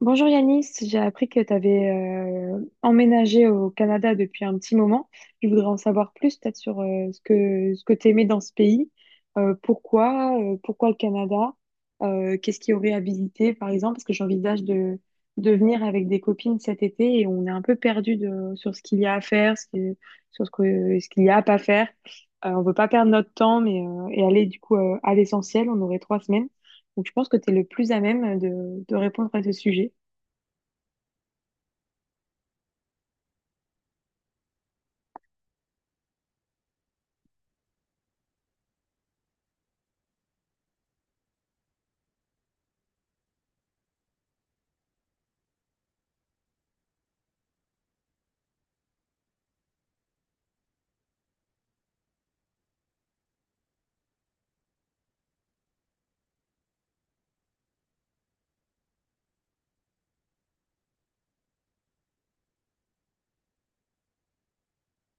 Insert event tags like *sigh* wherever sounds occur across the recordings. Bonjour Yanis, j'ai appris que tu avais emménagé au Canada depuis un petit moment. Je voudrais en savoir plus peut-être sur ce que tu aimais dans ce pays. Pourquoi le Canada? Qu'est-ce qui aurait habilité par exemple? Parce que j'envisage de venir avec des copines cet été et on est un peu perdu sur ce qu'il y a à faire, sur ce qu'il y a à pas faire. On veut pas perdre notre temps mais, et aller du coup à l'essentiel. On aurait trois semaines. Donc je pense que tu es le plus à même de répondre à ce sujet.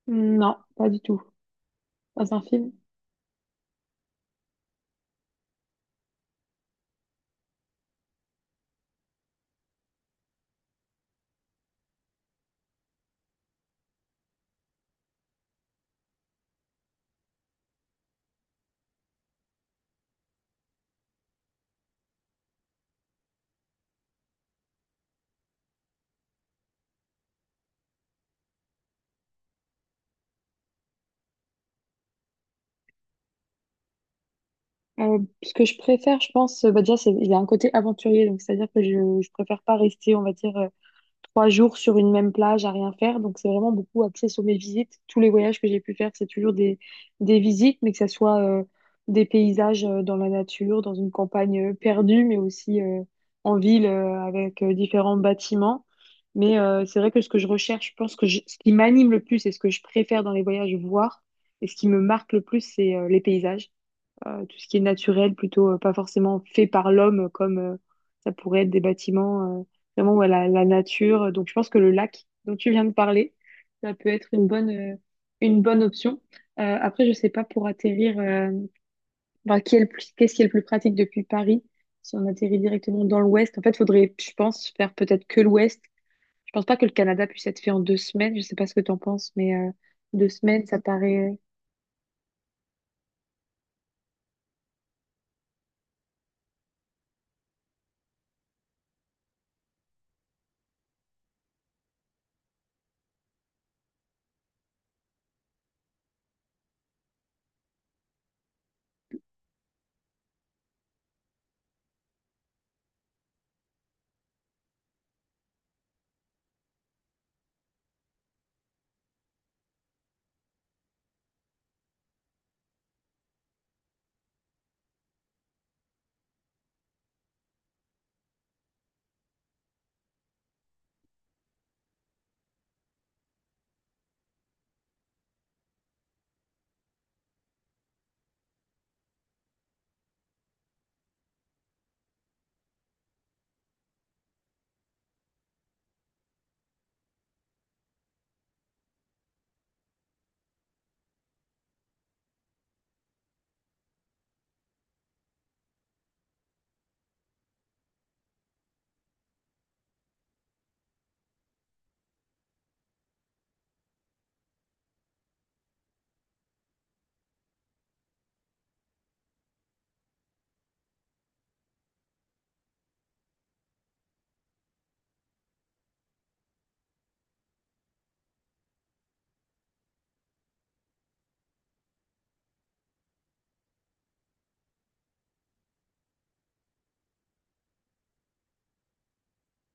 Non, pas du tout. Dans un film. Ce que je préfère, je pense, bah déjà, c'est, il y a un côté aventurier, donc c'est-à-dire que je préfère pas rester, on va dire, trois jours sur une même plage à rien faire. Donc, c'est vraiment beaucoup axé sur mes visites. Tous les voyages que j'ai pu faire, c'est toujours des visites, mais que ça soit des paysages dans la nature, dans une campagne perdue, mais aussi en ville avec différents bâtiments. Mais c'est vrai que ce que je recherche, je pense que ce qui m'anime le plus et ce que je préfère dans les voyages voir et ce qui me marque le plus, c'est les paysages, tout ce qui est naturel, plutôt pas forcément fait par l'homme, comme ça pourrait être des bâtiments, vraiment ouais, la nature. Donc je pense que le lac dont tu viens de parler, ça peut être une une bonne option. Après, je sais pas pour atterrir, enfin, qui est le plus, qu'est-ce qui est le plus pratique depuis Paris, si on atterrit directement dans l'ouest. En fait, faudrait, je pense, faire peut-être que l'ouest. Je pense pas que le Canada puisse être fait en deux semaines. Je sais pas ce que tu en penses, mais deux semaines, ça paraît.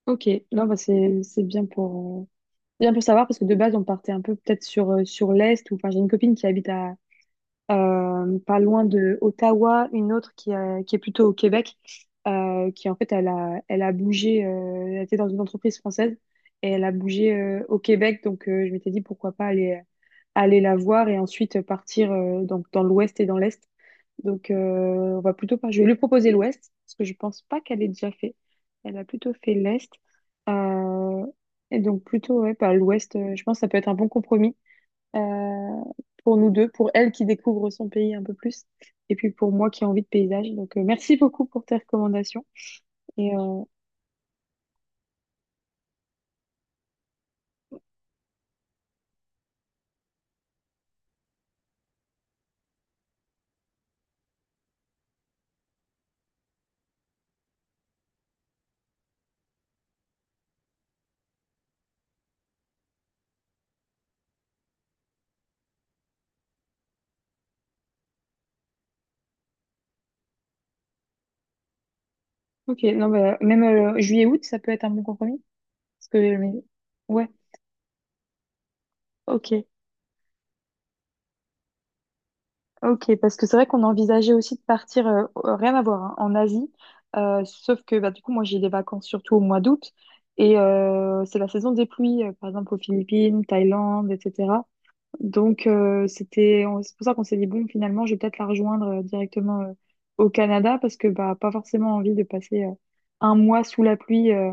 Ok, non, bah c'est bien pour, bien pour savoir, parce que de base, on partait un peu peut-être sur, sur l'Est, ou enfin, j'ai une copine qui habite à, pas loin de Ottawa, une autre qui est plutôt au Québec, qui en fait, elle a bougé, elle était dans une entreprise française, et elle a bougé au Québec, donc je m'étais dit pourquoi pas aller la voir et ensuite partir donc, dans l'Ouest et dans l'Est. Donc, on va plutôt pas. Je vais lui proposer l'Ouest, parce que je pense pas qu'elle ait déjà fait. Elle a plutôt fait l'Est. Euh, et donc, plutôt, ouais, bah, l'Ouest, je pense que ça peut être un bon compromis euh, pour nous deux, pour elle qui découvre son pays un peu plus, et puis pour moi qui ai envie de paysage. Donc, merci beaucoup pour tes recommandations. Et, ok, non, bah, même juillet-août, ça peut être un bon compromis. Parce que, mais- ouais, ok. Ok, parce que c'est vrai qu'on envisageait aussi de partir, rien à voir, hein, en Asie. Sauf que bah, du coup, moi j'ai des vacances surtout au mois d'août et c'est la saison des pluies, par exemple aux Philippines, Thaïlande, etc. Donc c'était, c'est pour ça qu'on s'est dit, bon, finalement, je vais peut-être la rejoindre directement au Canada parce que bah, pas forcément envie de passer un mois sous la pluie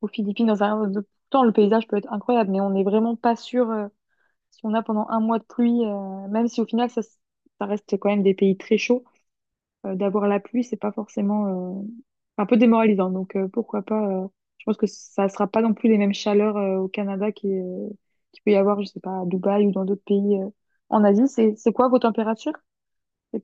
aux Philippines. Pourtant, le paysage peut être incroyable, mais on n'est vraiment pas sûr si on a pendant un mois de pluie, même si au final ça reste quand même des pays très chauds, d'avoir la pluie, c'est pas forcément euh, un peu démoralisant. Donc pourquoi pas, je pense que ça sera pas non plus les mêmes chaleurs qu'il peut y avoir, je sais pas, à Dubaï ou dans d'autres pays en Asie. C'est quoi vos températures? C'est-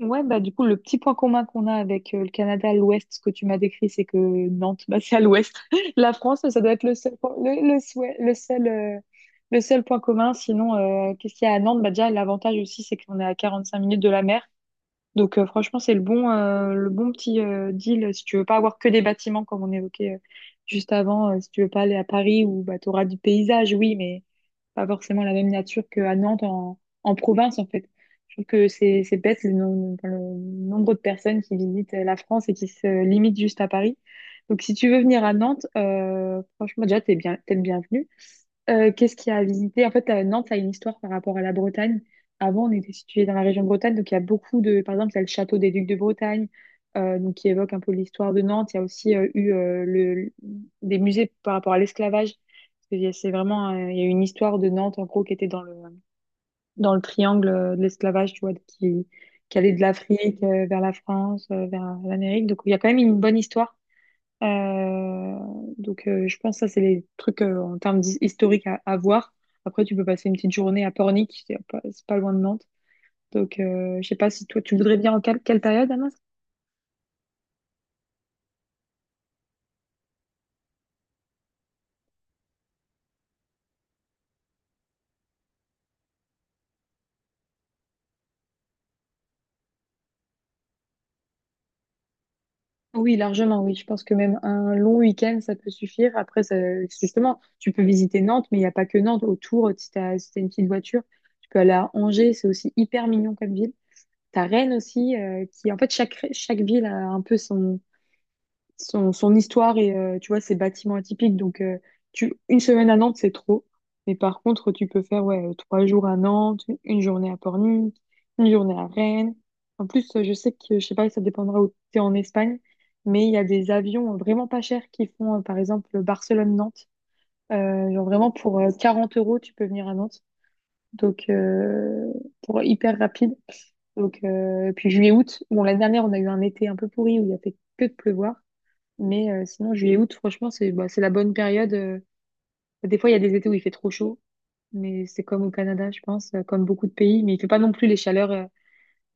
Ouais, bah du coup, le petit point commun qu'on a avec le Canada à l'ouest, ce que tu m'as décrit, c'est que Nantes, bah, c'est à l'ouest. *laughs* La France, ça doit être le seul point commun. Sinon, qu'est-ce qu'il y a à Nantes? Bah, déjà, l'avantage aussi, c'est qu'on est à 45 minutes de la mer. Donc franchement, c'est le bon petit deal si tu veux pas avoir que des bâtiments comme on évoquait juste avant, si tu veux pas aller à Paris où bah, tu auras du paysage, oui, mais pas forcément la même nature qu'à en province en fait. Je trouve que c'est bête enfin, le nombre de personnes qui visitent la France et qui se limitent juste à Paris. Donc si tu veux venir à Nantes, franchement déjà t'es bien, t'es le bienvenu. Qu'est-ce qu'il y a à visiter? En fait, Nantes, ça a une histoire par rapport à la Bretagne. Avant, on était situé dans la région de Bretagne, donc il y a beaucoup de... Par exemple, il y a le château des Ducs de Bretagne, donc qui évoque un peu l'histoire de Nantes. Il y a aussi eu le... des musées par rapport à l'esclavage. Parce que il y a- C'est vraiment... il y a une histoire de Nantes, en gros, qui était dans dans le triangle de l'esclavage, tu vois, qui allait de l'Afrique vers la France, vers l'Amérique. Donc, il y a quand même une bonne histoire. Euh, je pense que ça, c'est les trucs en termes historiques à voir. Après, tu peux passer une petite journée à Pornic, c'est pas loin de Nantes. Donc, je sais pas si toi, tu voudrais bien en quelle période, Anas? Oui, largement, oui. Je pense que même un long week-end, ça peut suffire. Justement, tu peux visiter Nantes, mais il n'y a pas que Nantes. Autour, si t'as une petite voiture, tu peux aller à Angers, c'est aussi hyper mignon comme ville. T'as Rennes aussi, qui, en fait, chaque ville a un peu son son histoire et tu vois, ses bâtiments atypiques. Donc, une semaine à Nantes, c'est trop. Mais par contre, tu peux faire ouais, trois jours à Nantes, une journée à Pornic, une journée à Rennes. En plus, je sais que, je sais pas, ça dépendra où tu es en Espagne, mais il y a des avions vraiment pas chers qui font, par exemple, Barcelone-Nantes. Genre vraiment pour 40 euros, tu peux venir à Nantes. Donc, pour hyper rapide. Donc, puis juillet-août, bon, l'année dernière, on a eu un été un peu pourri où il a fait que de pleuvoir. Mais sinon, juillet, août, franchement, c'est bah, c'est la bonne période. Des fois, il y a des étés où il fait trop chaud, mais c'est comme au Canada, je pense, comme beaucoup de pays. Mais il fait pas non plus les chaleurs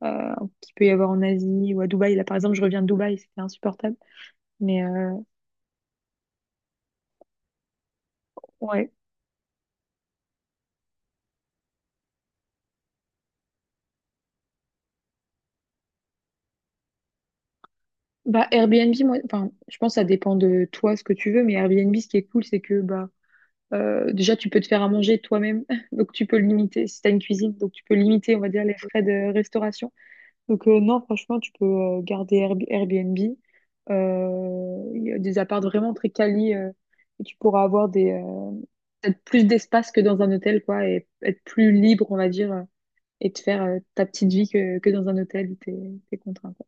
euh, qu'il peut y avoir en Asie ou à Dubaï. Là, par exemple, je reviens de Dubaï, c'était insupportable. Mais ouais. Bah, Airbnb, moi, enfin, je pense que ça dépend de toi, ce que tu veux. Mais Airbnb, ce qui est cool, c'est que bah, déjà, tu peux te faire à manger toi-même. *laughs* Donc, tu peux limiter, si tu as une cuisine, donc tu peux limiter, on va dire, les frais de restauration. Donc non, franchement, tu peux Airbnb. Il y a des apparts vraiment très quali et tu pourras avoir des peut-être plus d'espace que dans un hôtel, quoi, et être plus libre, on va dire, et te faire ta petite vie que dans un hôtel où t'es contraint, quoi.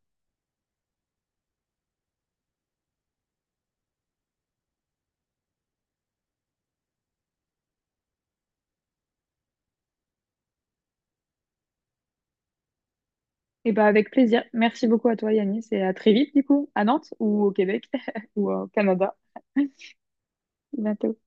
Et bah avec plaisir. Merci beaucoup à toi, Yanis, et à très vite, du coup, à Nantes ou au Québec *laughs* ou au Canada. À bientôt.